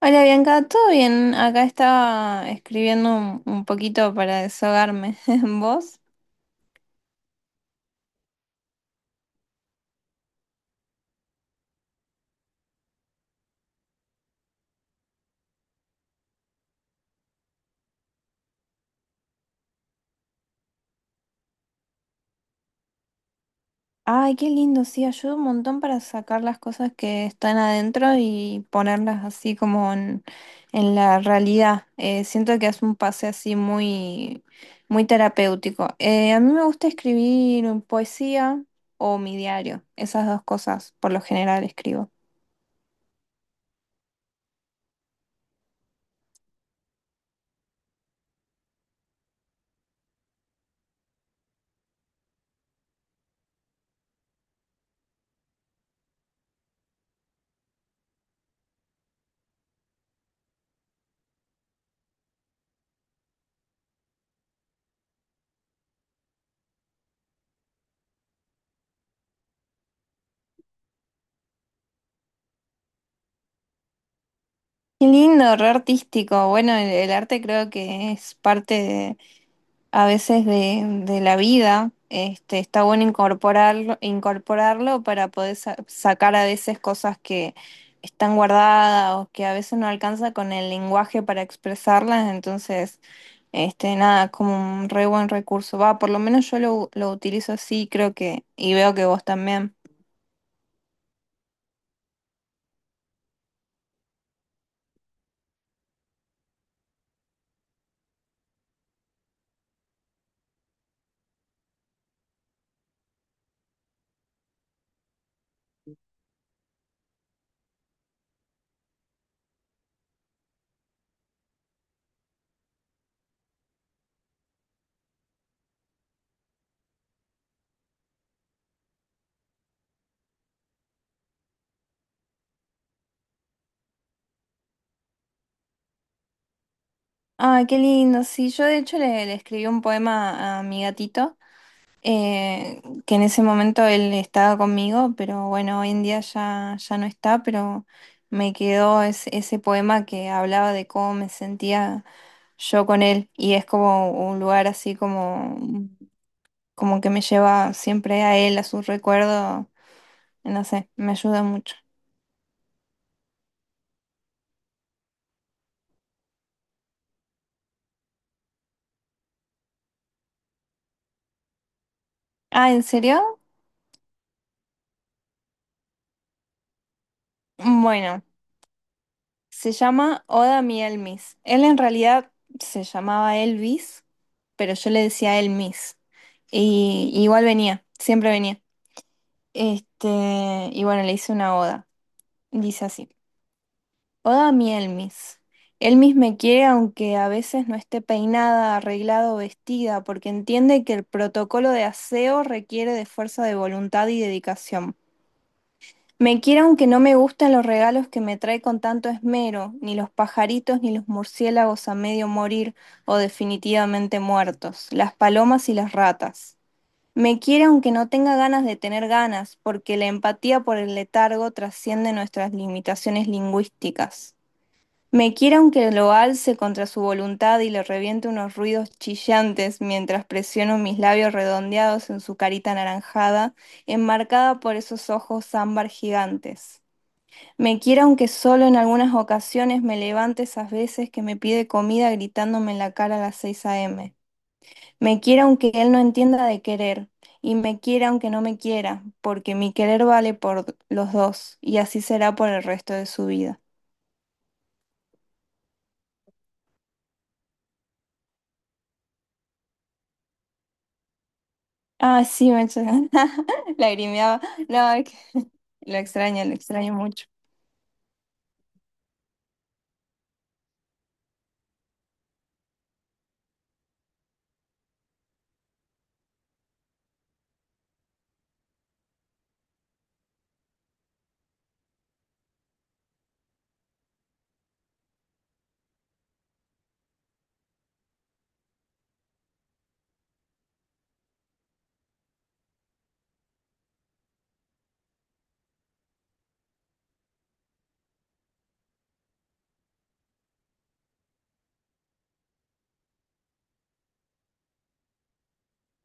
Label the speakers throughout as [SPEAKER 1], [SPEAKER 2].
[SPEAKER 1] Hola Bianca, ¿todo bien? Acá estaba escribiendo un poquito para desahogarme. ¿Vos? Ay, qué lindo, sí, ayuda un montón para sacar las cosas que están adentro y ponerlas así como en la realidad. Siento que es un pase así muy terapéutico. A mí me gusta escribir poesía o mi diario, esas dos cosas por lo general escribo. Qué lindo, re artístico. Bueno, el arte creo que es parte a veces de la vida, este, está bueno incorporarlo, incorporarlo para poder sacar a veces cosas que están guardadas o que a veces no alcanza con el lenguaje para expresarlas, entonces, este, nada, es como un re buen recurso. Va, por lo menos yo lo utilizo así, creo que, y veo que vos también. Ay, qué lindo, sí, yo de hecho le escribí un poema a mi gatito. Que en ese momento él estaba conmigo, pero bueno, hoy en día ya no está, pero me quedó ese poema que hablaba de cómo me sentía yo con él y es como un lugar así como, como que me lleva siempre a él, a su recuerdo, no sé, me ayuda mucho. Ah, ¿en serio? Bueno. Se llama Oda mi Elmis. Él en realidad se llamaba Elvis, pero yo le decía Elmis. Y igual venía, siempre venía. Este, y bueno, le hice una oda. Dice así: Oda mi Elmis. Elmis me quiere aunque a veces no esté peinada, arreglada o vestida, porque entiende que el protocolo de aseo requiere de fuerza de voluntad y dedicación. Me quiere aunque no me gustan los regalos que me trae con tanto esmero, ni los pajaritos ni los murciélagos a medio morir o definitivamente muertos, las palomas y las ratas. Me quiere aunque no tenga ganas de tener ganas, porque la empatía por el letargo trasciende nuestras limitaciones lingüísticas. Me quiere aunque lo alce contra su voluntad y le reviente unos ruidos chillantes mientras presiono mis labios redondeados en su carita anaranjada, enmarcada por esos ojos ámbar gigantes. Me quiera aunque solo en algunas ocasiones me levante esas veces que me pide comida gritándome en la cara a las 6 a.m. Me quiera aunque él no entienda de querer, y me quiera aunque no me quiera, porque mi querer vale por los dos, y así será por el resto de su vida. Ah, sí, me lagrimeaba. No, es que lo extraño mucho.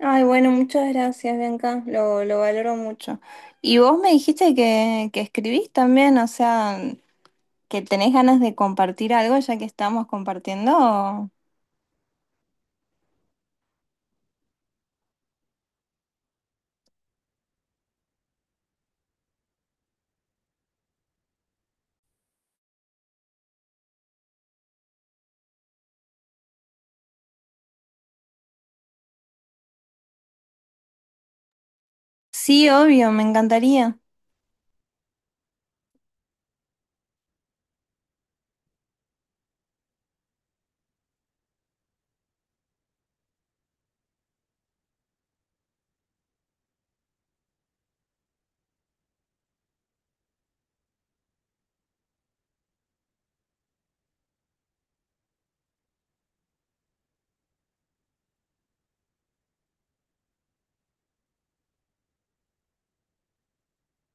[SPEAKER 1] Ay, bueno, muchas gracias, Bianca, lo valoro mucho. Y vos me dijiste que escribís también, o sea... que tenés ganas de compartir algo ya que estamos compartiendo. Sí, obvio, me encantaría.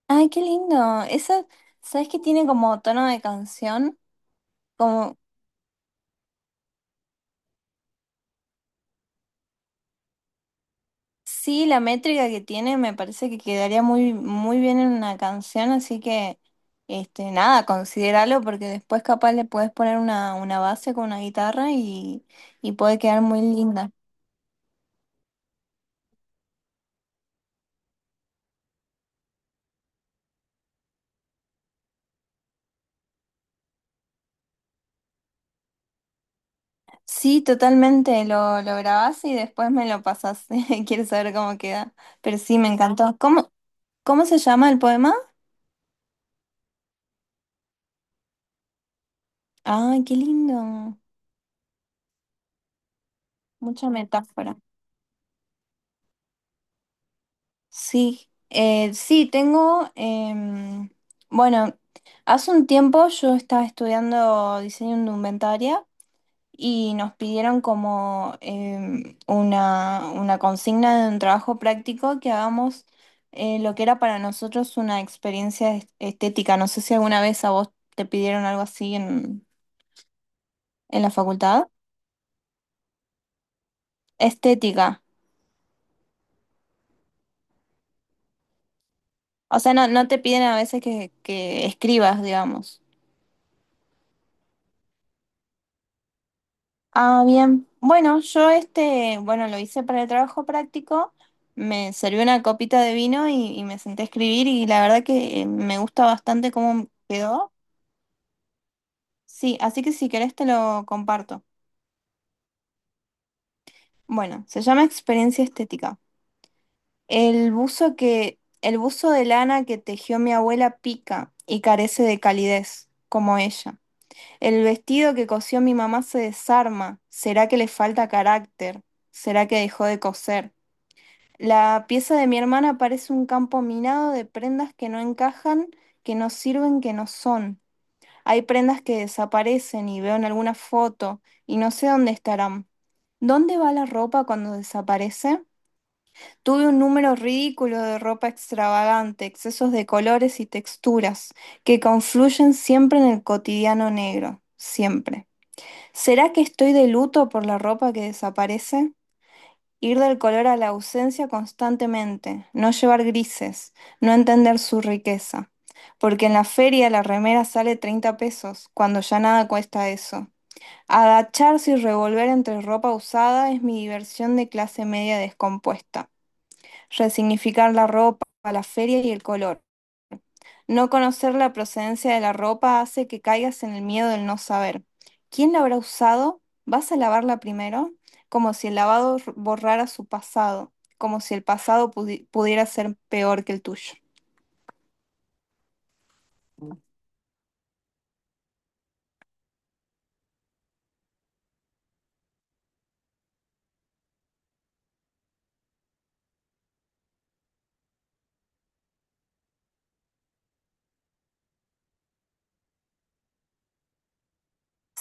[SPEAKER 1] Ay, qué lindo. Esa, ¿sabes que tiene como tono de canción? Como, sí, la métrica que tiene me parece que quedaría muy bien en una canción, así que, este, nada, considéralo porque después capaz le puedes poner una base con una guitarra y puede quedar muy linda. Sí, totalmente, lo grabás y después me lo pasás. Quiero saber cómo queda. Pero sí, me encantó. ¿Cómo, cómo se llama el poema? Ay, qué lindo. Mucha metáfora. Sí, sí, tengo, bueno, hace un tiempo yo estaba estudiando diseño indumentaria y nos pidieron como una, consigna de un trabajo práctico que hagamos lo que era para nosotros una experiencia estética. No sé si alguna vez a vos te pidieron algo así en la facultad. Estética. O sea, no, no te piden a veces que escribas, digamos. Ah, bien. Bueno, yo este, bueno, lo hice para el trabajo práctico. Me serví una copita de vino y me senté a escribir y la verdad que me gusta bastante cómo quedó. Sí, así que si querés te lo comparto. Bueno, se llama experiencia estética. El buzo que, el buzo de lana que tejió mi abuela pica y carece de calidez, como ella. El vestido que cosió mi mamá se desarma. ¿Será que le falta carácter? ¿Será que dejó de coser? La pieza de mi hermana parece un campo minado de prendas que no encajan, que no sirven, que no son. Hay prendas que desaparecen y veo en alguna foto y no sé dónde estarán. ¿Dónde va la ropa cuando desaparece? Tuve un número ridículo de ropa extravagante, excesos de colores y texturas que confluyen siempre en el cotidiano negro, siempre. ¿Será que estoy de luto por la ropa que desaparece? Ir del color a la ausencia constantemente, no llevar grises, no entender su riqueza. Porque en la feria la remera sale 30 pesos, cuando ya nada cuesta eso. Agacharse y revolver entre ropa usada es mi diversión de clase media descompuesta. Resignificar la ropa, la feria y el color. No conocer la procedencia de la ropa hace que caigas en el miedo del no saber. ¿Quién la habrá usado? ¿Vas a lavarla primero? Como si el lavado borrara su pasado, como si el pasado pudiera ser peor que el tuyo.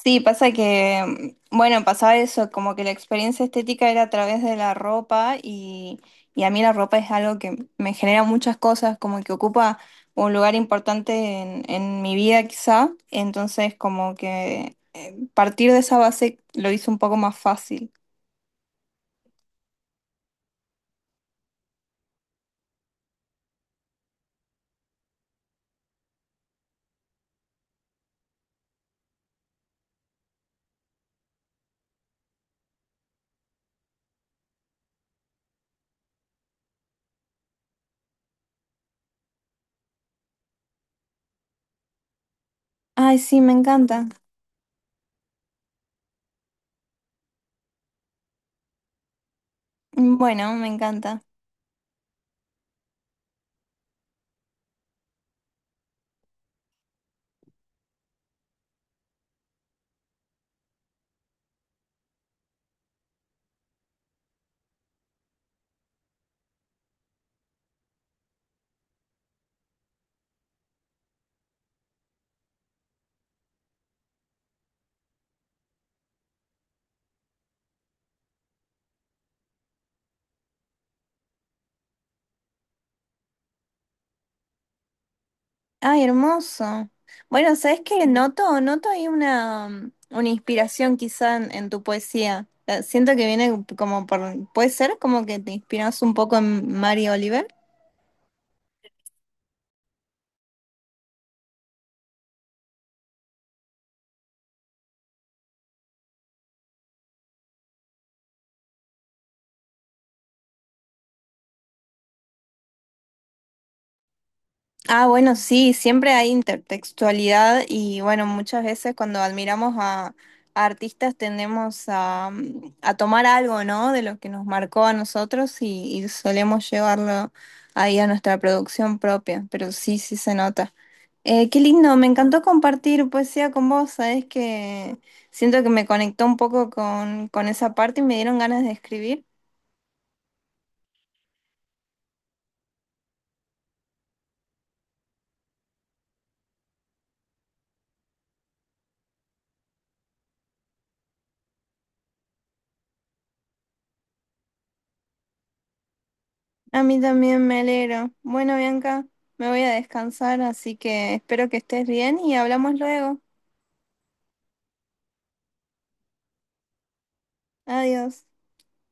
[SPEAKER 1] Sí, pasa que, mm, bueno, pasaba eso, como que la experiencia estética era a través de la ropa y a mí la ropa es algo que me genera muchas cosas, como que ocupa un lugar importante en mi vida quizá, entonces como que partir de esa base lo hizo un poco más fácil. Ay, sí, me encanta. Bueno, me encanta. Ay, hermoso. Bueno, ¿sabes qué? Noto, noto ahí una inspiración quizá en tu poesía. Siento que viene como por, puede ser como que te inspiras un poco en Mary Oliver. Ah, bueno, sí, siempre hay intertextualidad y bueno, muchas veces cuando admiramos a artistas tendemos a, mm, a tomar algo, ¿no? De lo que nos marcó a nosotros y solemos llevarlo ahí a nuestra producción propia, pero sí, sí se nota. Qué lindo, me encantó compartir poesía con vos, sabés que siento que me conectó un poco con esa parte y me dieron ganas de escribir. A mí también me alegro. Bueno, Bianca, me voy a descansar, así que espero que estés bien y hablamos luego. Adiós.